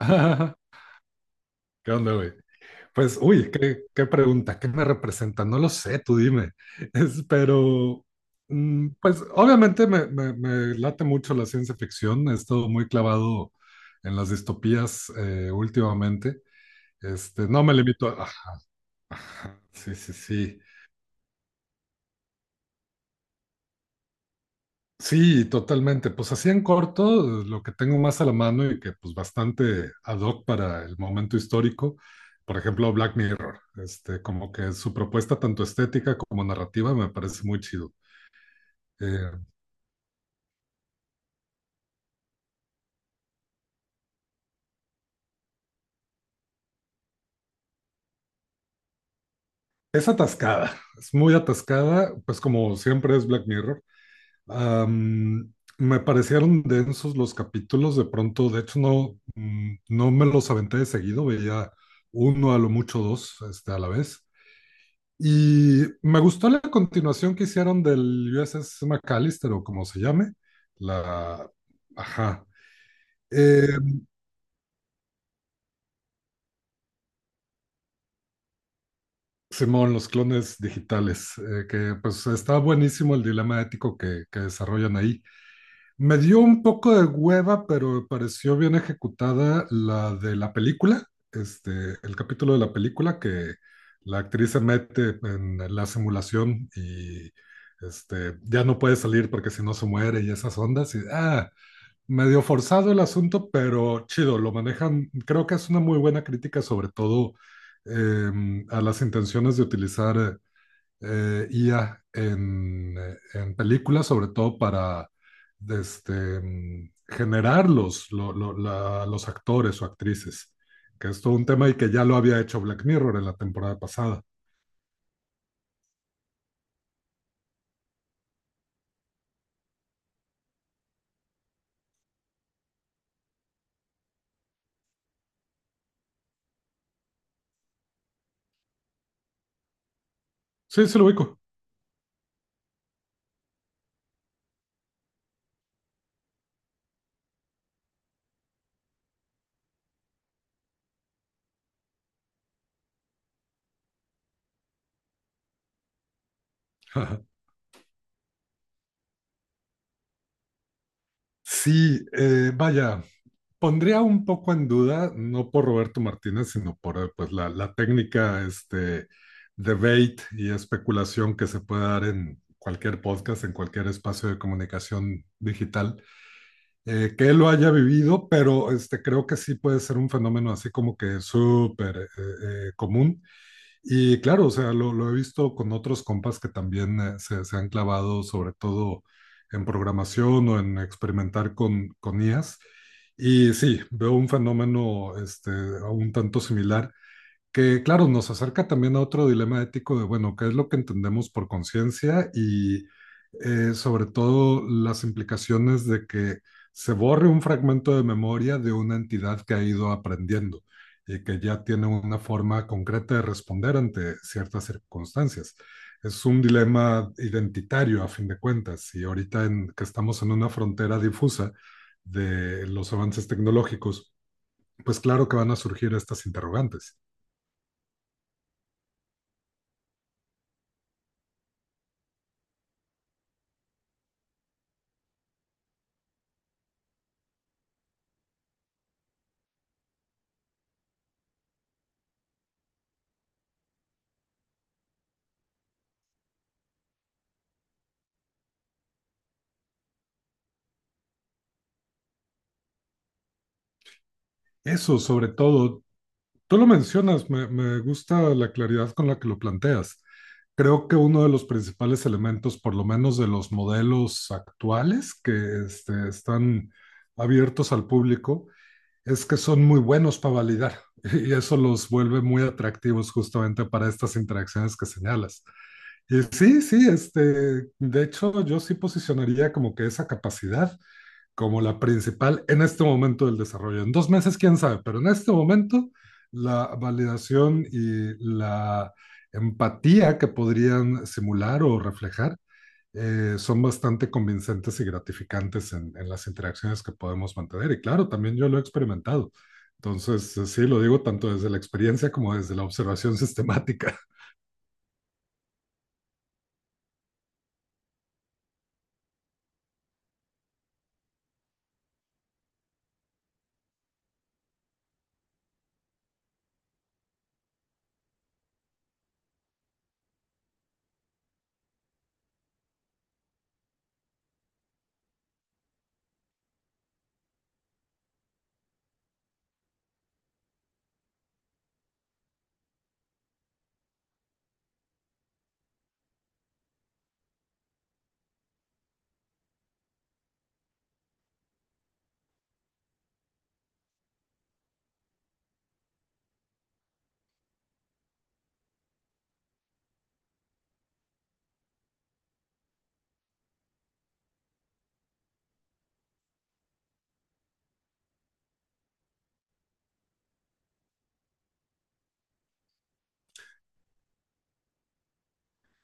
¿Qué onda, güey? Pues, uy, qué pregunta, ¿qué me representa? No lo sé, tú dime. Pero, pues, obviamente me late mucho la ciencia ficción. He estado muy clavado en las distopías últimamente. No me limito a. Sí, sí, sí. Sí, totalmente. Pues así en corto, lo que tengo más a la mano y que pues bastante ad hoc para el momento histórico, por ejemplo, Black Mirror. Como que su propuesta tanto estética como narrativa me parece muy chido. Eh, es atascada, es muy atascada, pues como siempre es Black Mirror. Me parecieron densos los capítulos, de pronto. De hecho no, no me los aventé de seguido, veía uno, a lo mucho dos, a la vez. Y me gustó la continuación que hicieron del USS McAllister, o como se llame. La. Ajá. Eh, Simón, los clones digitales, que pues está buenísimo el dilema ético que desarrollan ahí. Me dio un poco de hueva, pero me pareció bien ejecutada la de la película. este, el capítulo de la película que la actriz se mete en la simulación y ya no puede salir porque si no se muere y esas ondas. Y, medio forzado el asunto, pero chido, lo manejan. Creo que es una muy buena crítica, sobre todo a las intenciones de utilizar IA en películas, sobre todo para generar los, lo- la- los actores o actrices, que es todo un tema, y que ya lo había hecho Black Mirror en la temporada pasada. Sí, se lo ubico. Sí, vaya, pondría un poco en duda, no por Roberto Martínez, sino por pues, la técnica. Debate y especulación que se puede dar en cualquier podcast, en cualquier espacio de comunicación digital, que él lo haya vivido. Pero creo que sí puede ser un fenómeno así como que súper común. Y claro, o sea, lo he visto con otros compas que también se han clavado sobre todo en programación, o en experimentar con IAs. Y sí, veo un fenómeno, un tanto similar, que claro, nos acerca también a otro dilema ético de, bueno, ¿qué es lo que entendemos por conciencia? Y sobre todo las implicaciones de que se borre un fragmento de memoria de una entidad que ha ido aprendiendo y que ya tiene una forma concreta de responder ante ciertas circunstancias. Es un dilema identitario a fin de cuentas, y ahorita que estamos en una frontera difusa de los avances tecnológicos, pues claro que van a surgir estas interrogantes. Eso, sobre todo tú lo mencionas, me gusta la claridad con la que lo planteas. Creo que uno de los principales elementos, por lo menos de los modelos actuales que están abiertos al público, es que son muy buenos para validar, y eso los vuelve muy atractivos justamente para estas interacciones que señalas. Y sí, sí, de hecho yo sí posicionaría como que esa capacidad como la principal en este momento del desarrollo. En dos meses, quién sabe, pero en este momento la validación y la empatía que podrían simular o reflejar son bastante convincentes y gratificantes las interacciones que podemos mantener. Y claro, también yo lo he experimentado. Entonces, sí, lo digo tanto desde la experiencia como desde la observación sistemática.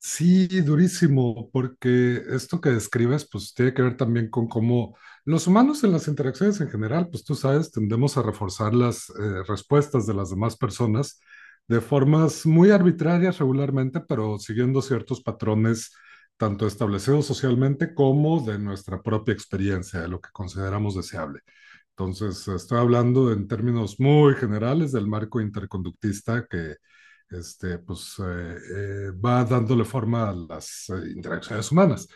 Sí, durísimo, porque esto que describes pues tiene que ver también con cómo los humanos, en las interacciones en general, pues tú sabes, tendemos a reforzar las respuestas de las demás personas de formas muy arbitrarias regularmente, pero siguiendo ciertos patrones, tanto establecidos socialmente como de nuestra propia experiencia, de lo que consideramos deseable. Entonces, estoy hablando en términos muy generales del marco interconductista que pues, va dándole forma a las interacciones humanas.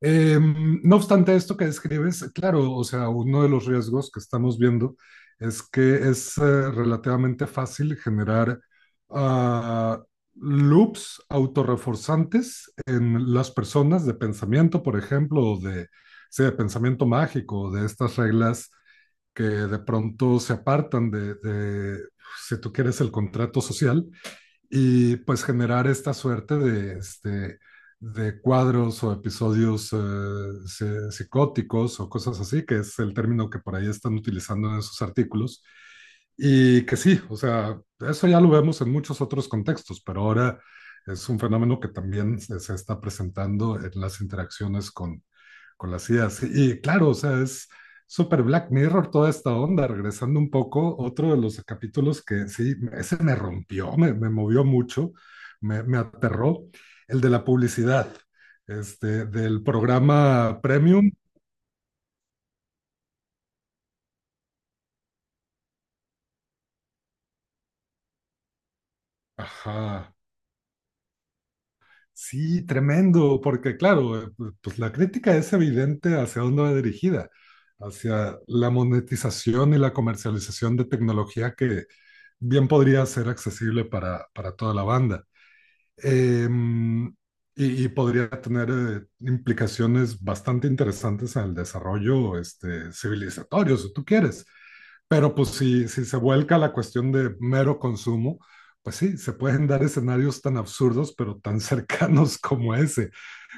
No obstante, esto que describes, claro, o sea, uno de los riesgos que estamos viendo es que es relativamente fácil generar uh, loops autorreforzantes en las personas, de pensamiento, por ejemplo, o de, sí, de pensamiento mágico, de estas reglas que de pronto se apartan si tú quieres, el contrato social, y pues generar esta suerte de cuadros o episodios psicóticos o cosas así, que es el término que por ahí están utilizando en sus artículos. Y que sí, o sea, eso ya lo vemos en muchos otros contextos, pero ahora es un fenómeno que también se está presentando en las interacciones con las ideas. Y, claro, o sea, es súper Black Mirror toda esta onda. Regresando un poco, otro de los capítulos que sí, ese me rompió, me movió mucho, me aterró, el de la publicidad, del programa Premium. Ajá. Sí, tremendo, porque claro, pues la crítica es evidente hacia dónde va dirigida, hacia la monetización y la comercialización de tecnología que bien podría ser accesible para toda la banda. Eh, y podría tener implicaciones bastante interesantes en el desarrollo, civilizatorio, si tú quieres. Pero pues si se vuelca a la cuestión de mero consumo, pues sí, se pueden dar escenarios tan absurdos, pero tan cercanos como ese.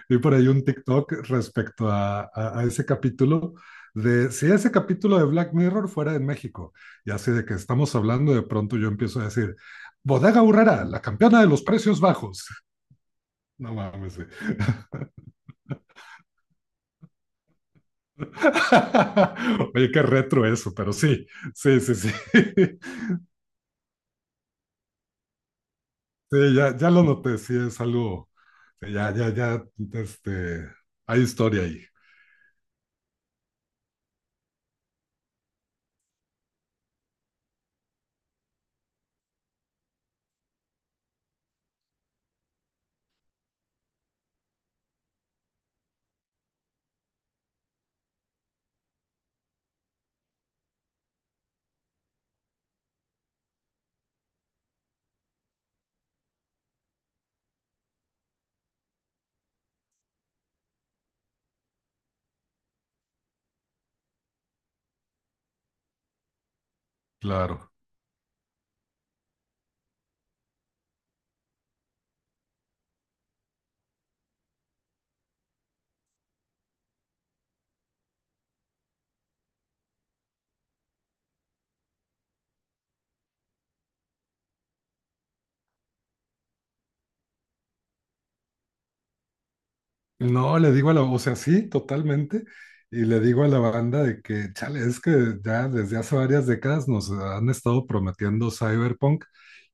Vi por ahí un TikTok respecto a ese capítulo, de si ese capítulo de Black Mirror fuera en México. Y así de que estamos hablando, de pronto yo empiezo a decir, Bodega Urrera, la campeona de los precios bajos. No mames, güey. Oye, qué retro eso, pero sí, sí, sí, sí. Sí, ya, ya lo noté, sí, es algo, sí, ya, ya, ya, este, hay historia ahí. Claro. No, le digo a o sea, sí, totalmente. Y le digo a la banda de que, chale, es que ya desde hace varias décadas nos han estado prometiendo cyberpunk,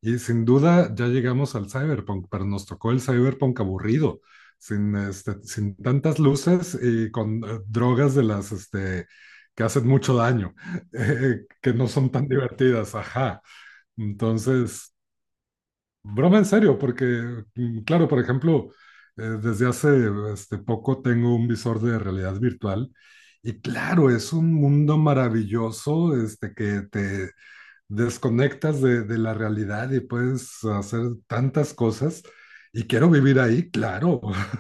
y sin duda ya llegamos al cyberpunk, pero nos tocó el cyberpunk aburrido, sin tantas luces, y con drogas de las, que hacen mucho daño, que no son tan divertidas, ajá. Entonces, broma en serio, porque, claro, por ejemplo, desde hace poco tengo un visor de realidad virtual. Y claro, es un mundo maravilloso, que te desconectas de la realidad y puedes hacer tantas cosas, y quiero vivir ahí, claro.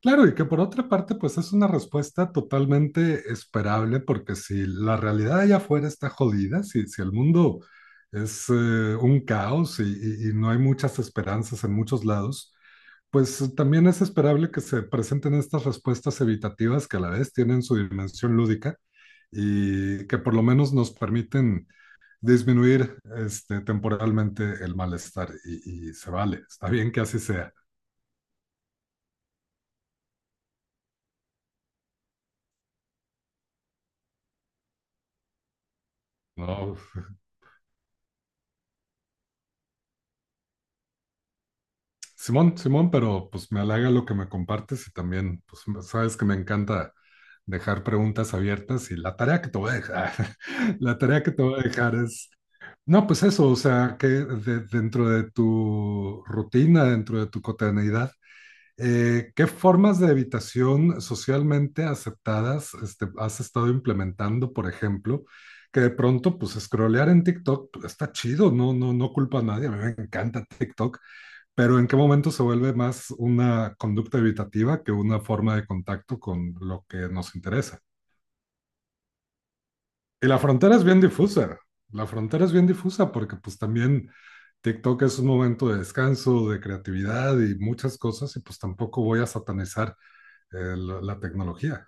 Claro, y que por otra parte, pues es una respuesta totalmente esperable, porque si la realidad allá afuera está jodida, si el mundo es un caos, y no hay muchas esperanzas en muchos lados, pues también es esperable que se presenten estas respuestas evitativas, que a la vez tienen su dimensión lúdica y que por lo menos nos permiten disminuir, temporalmente, el malestar, y se vale, está bien que así sea, ¿no? Simón, Simón, pero pues me halaga lo que me compartes, y también pues sabes que me encanta dejar preguntas abiertas, y la tarea que te voy a dejar, la tarea que te voy a dejar es, no, pues eso, o sea, que dentro de tu rutina, dentro de tu cotidianidad, ¿qué formas de evitación socialmente aceptadas has estado implementando, por ejemplo? Que de pronto, pues, scrollear en TikTok, pues, está chido, no, no, no culpa a nadie, a mí me encanta TikTok, pero ¿en qué momento se vuelve más una conducta evitativa que una forma de contacto con lo que nos interesa? Y la frontera es bien difusa. La frontera es bien difusa, porque pues también TikTok es un momento de descanso, de creatividad y muchas cosas, y pues tampoco voy a satanizar la tecnología.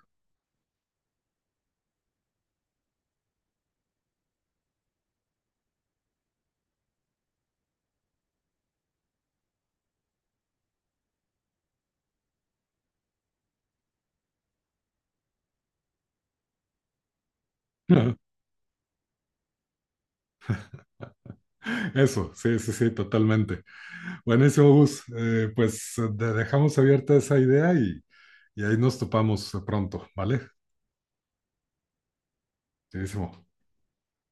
Eso, sí, sí, sí, totalmente. Buenísimo, Gus. Pues dejamos abierta esa idea, y ahí nos topamos pronto, ¿vale? Buenísimo.